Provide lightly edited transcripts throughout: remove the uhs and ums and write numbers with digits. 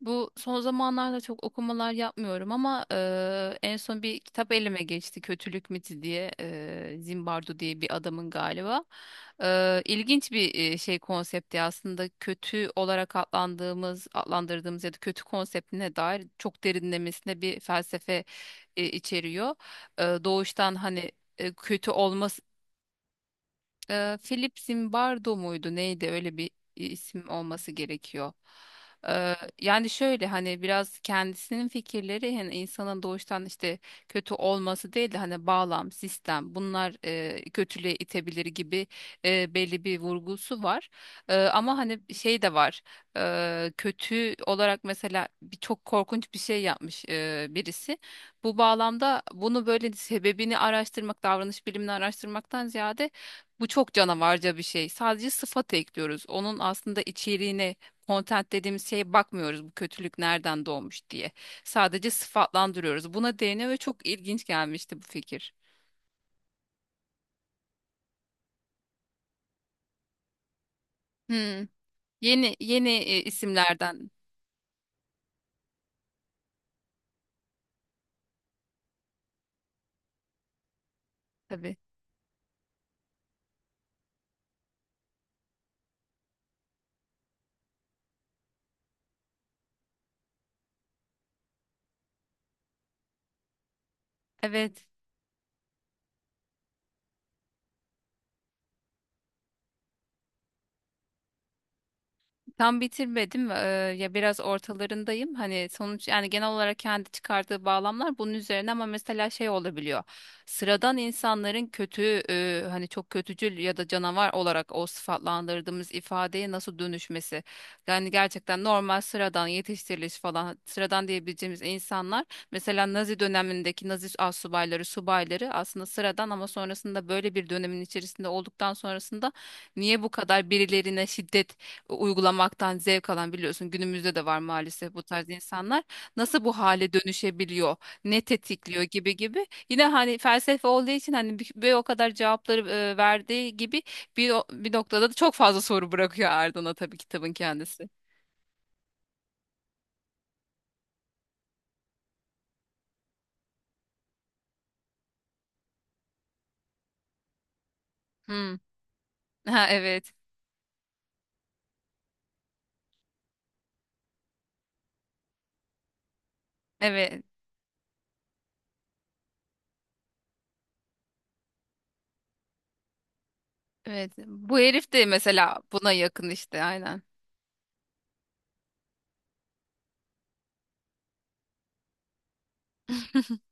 Bu son zamanlarda çok okumalar yapmıyorum ama en son bir kitap elime geçti. Kötülük Miti diye Zimbardo diye bir adamın galiba. İlginç bir şey konsepti, aslında kötü olarak adlandırdığımız ya da kötü konseptine dair çok derinlemesine bir felsefe içeriyor. Doğuştan hani kötü olma, Philip Zimbardo muydu neydi öyle bir isim olması gerekiyor. E, Yani şöyle, hani biraz kendisinin fikirleri, hani insanın doğuştan işte kötü olması değil de hani bağlam, sistem bunlar kötülüğe itebilir gibi belli bir vurgusu var. Ama hani şey de var. Kötü olarak mesela bir çok korkunç bir şey yapmış birisi. Bu bağlamda bunu böyle sebebini araştırmak, davranış bilimini araştırmaktan ziyade bu çok canavarca bir şey. Sadece sıfat ekliyoruz. Onun aslında içeriğine, content dediğimiz şeye bakmıyoruz. Bu kötülük nereden doğmuş diye. Sadece sıfatlandırıyoruz. Buna değine ve çok ilginç gelmişti bu fikir. Hmm. Yeni yeni isimlerden tabii. Evet. Tam bitirmedim. Ya biraz ortalarındayım. Hani sonuç, yani genel olarak kendi çıkardığı bağlamlar bunun üzerine, ama mesela şey olabiliyor. Sıradan insanların kötü, hani çok kötücül ya da canavar olarak o sıfatlandırdığımız ifadeye nasıl dönüşmesi. Yani gerçekten normal sıradan yetiştiriliş falan sıradan diyebileceğimiz insanlar, mesela Nazi dönemindeki Nazi astsubayları, subayları aslında sıradan, ama sonrasında böyle bir dönemin içerisinde olduktan sonrasında niye bu kadar birilerine şiddet uygulamaktan zevk alan, biliyorsun günümüzde de var maalesef bu tarz insanlar, nasıl bu hale dönüşebiliyor, ne tetikliyor gibi gibi, yine hani felsefe olduğu için hani bir o kadar cevapları verdiği gibi bir, bir noktada da çok fazla soru bırakıyor ardına tabii kitabın kendisi. Hmm. Ha evet. Evet. Evet. Bu herif de mesela buna yakın işte aynen.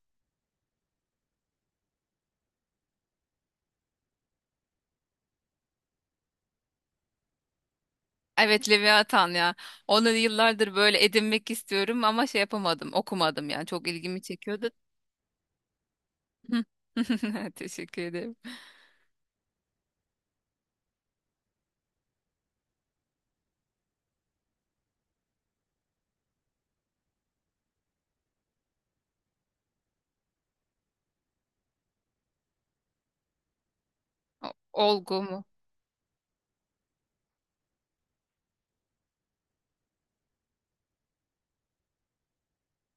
Evet, Leviathan ya. Onu yıllardır böyle edinmek istiyorum ama şey yapamadım, okumadım yani. Çok ilgimi çekiyordu. Hı. Teşekkür ederim. Olgu mu?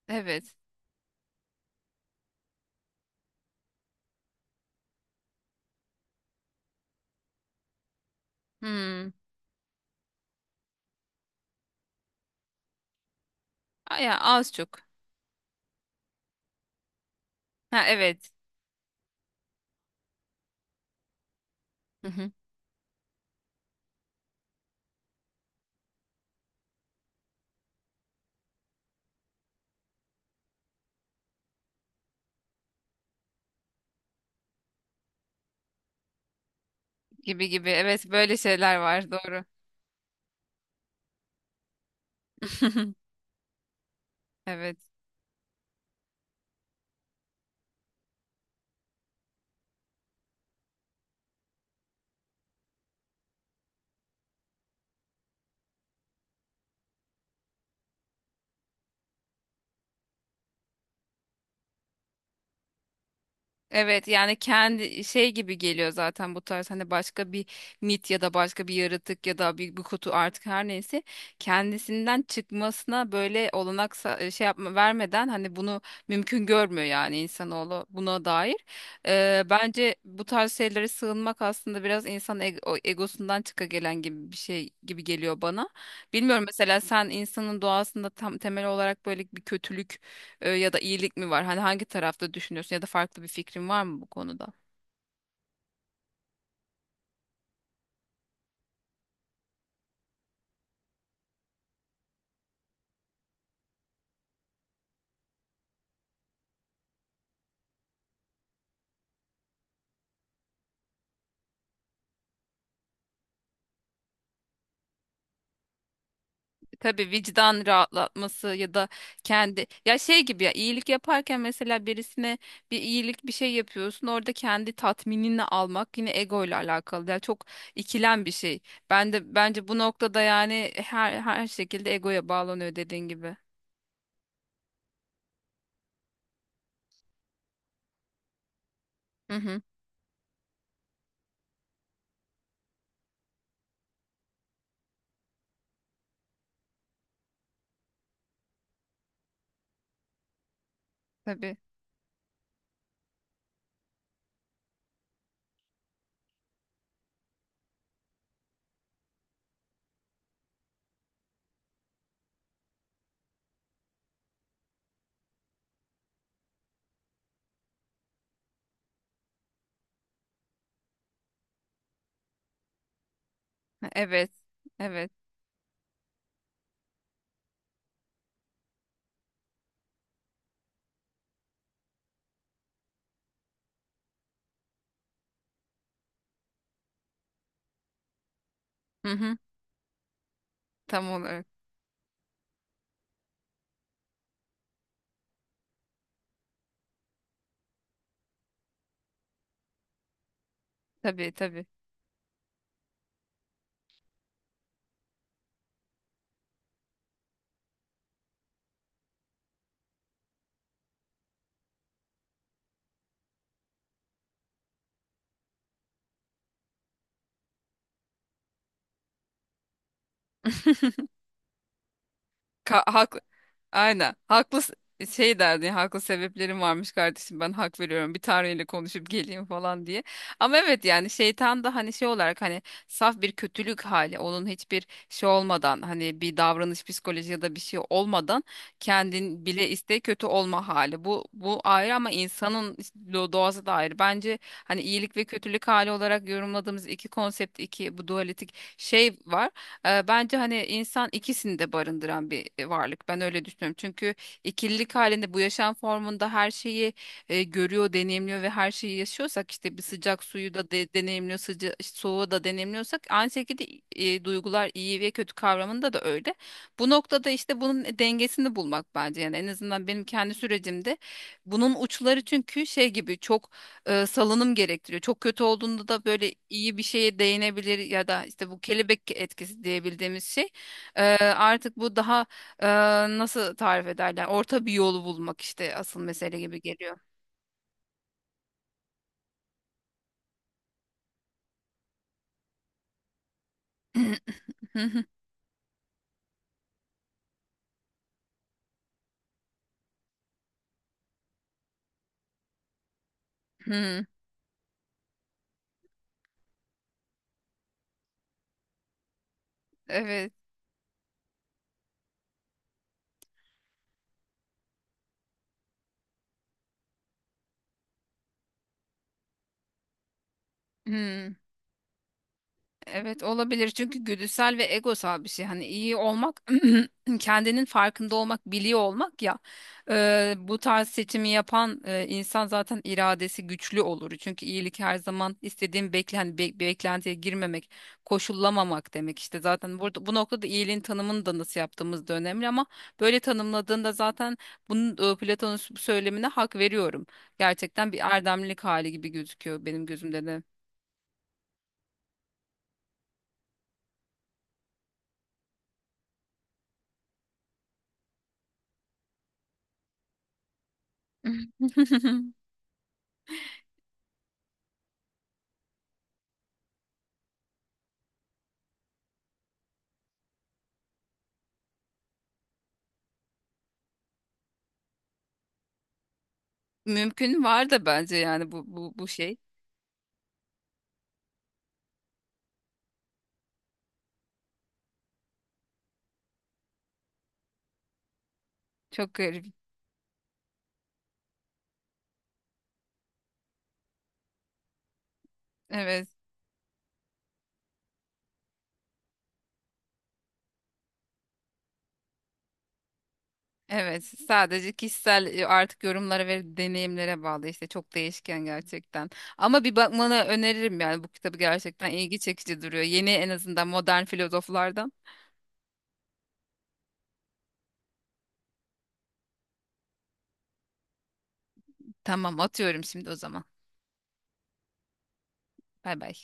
Evet. Hmm. Ya az çok. Ha evet. Hı hı. Gibi gibi. Evet, böyle şeyler var. Doğru. Evet. Evet, yani kendi şey gibi geliyor zaten bu tarz, hani başka bir mit ya da başka bir yaratık ya da bir, bir kutu artık her neyse, kendisinden çıkmasına böyle olanak şey yapma vermeden hani bunu mümkün görmüyor yani insanoğlu buna dair. Bence bu tarz şeylere sığınmak aslında biraz insan o egosundan çıka gelen gibi bir şey gibi geliyor bana. Bilmiyorum, mesela sen insanın doğasında tam temel olarak böyle bir kötülük ya da iyilik mi var? Hani hangi tarafta düşünüyorsun ya da farklı bir fikrin var mı bu konuda? E, tabii vicdan rahatlatması ya da kendi, ya şey gibi, ya iyilik yaparken mesela birisine bir iyilik bir şey yapıyorsun, orada kendi tatminini almak yine ego ile alakalı. Yani çok ikilem bir şey. Ben de bence bu noktada, yani her şekilde egoya bağlanıyor dediğin gibi. Hı hı. Tabii. Evet. Evet. Hı hı. Tam olarak. Tabii tabii. Ka haklı. Aynen. Şey derdi ya, haklı sebeplerim varmış kardeşim, ben hak veriyorum, bir tanrıyla konuşup geleyim falan diye. Ama evet, yani şeytan da hani şey olarak, hani saf bir kötülük hali, onun hiçbir şey olmadan, hani bir davranış psikoloji ya da bir şey olmadan kendin bile iste kötü olma hali. Bu ayrı ama insanın doğası da ayrı. Bence hani iyilik ve kötülük hali olarak yorumladığımız iki konsept, iki bu dualistik şey var. Bence hani insan ikisini de barındıran bir varlık. Ben öyle düşünüyorum. Çünkü ikililik halinde bu yaşam formunda her şeyi görüyor, deneyimliyor ve her şeyi yaşıyorsak, işte bir sıcak suyu da deneyimliyor, işte, soğuğu da deneyimliyorsak aynı şekilde duygular iyi ve kötü kavramında da öyle. Bu noktada işte bunun dengesini bulmak, bence yani en azından benim kendi sürecimde bunun uçları, çünkü şey gibi çok salınım gerektiriyor. Çok kötü olduğunda da böyle iyi bir şeye değinebilir ya da işte bu kelebek etkisi diyebildiğimiz şey. E, artık bu daha e, nasıl tarif ederler? Orta bir yolu bulmak işte asıl mesele gibi geliyor. Evet. Evet olabilir, çünkü güdüsel ve egosal bir şey. Hani iyi olmak, kendinin farkında olmak, biliyor olmak ya. Bu tarz seçimi yapan insan zaten iradesi güçlü olur. Çünkü iyilik her zaman istediğin beklen, hani beklentiye girmemek, koşullamamak demek. İşte zaten burada bu noktada iyiliğin tanımını da nasıl yaptığımız da önemli, ama böyle tanımladığında zaten bunun, Platon'un bu söylemine hak veriyorum. Gerçekten bir erdemlilik hali gibi gözüküyor benim gözümde de. Mümkün var da bence, yani bu şey. Çok garip. Evet. Evet. Sadece kişisel, artık yorumlara ve deneyimlere bağlı, işte çok değişken gerçekten. Ama bir bakmanı öneririm, yani bu kitabı, gerçekten ilgi çekici duruyor. Yeni, en azından modern filozoflardan. Tamam, atıyorum şimdi o zaman. Bay bay.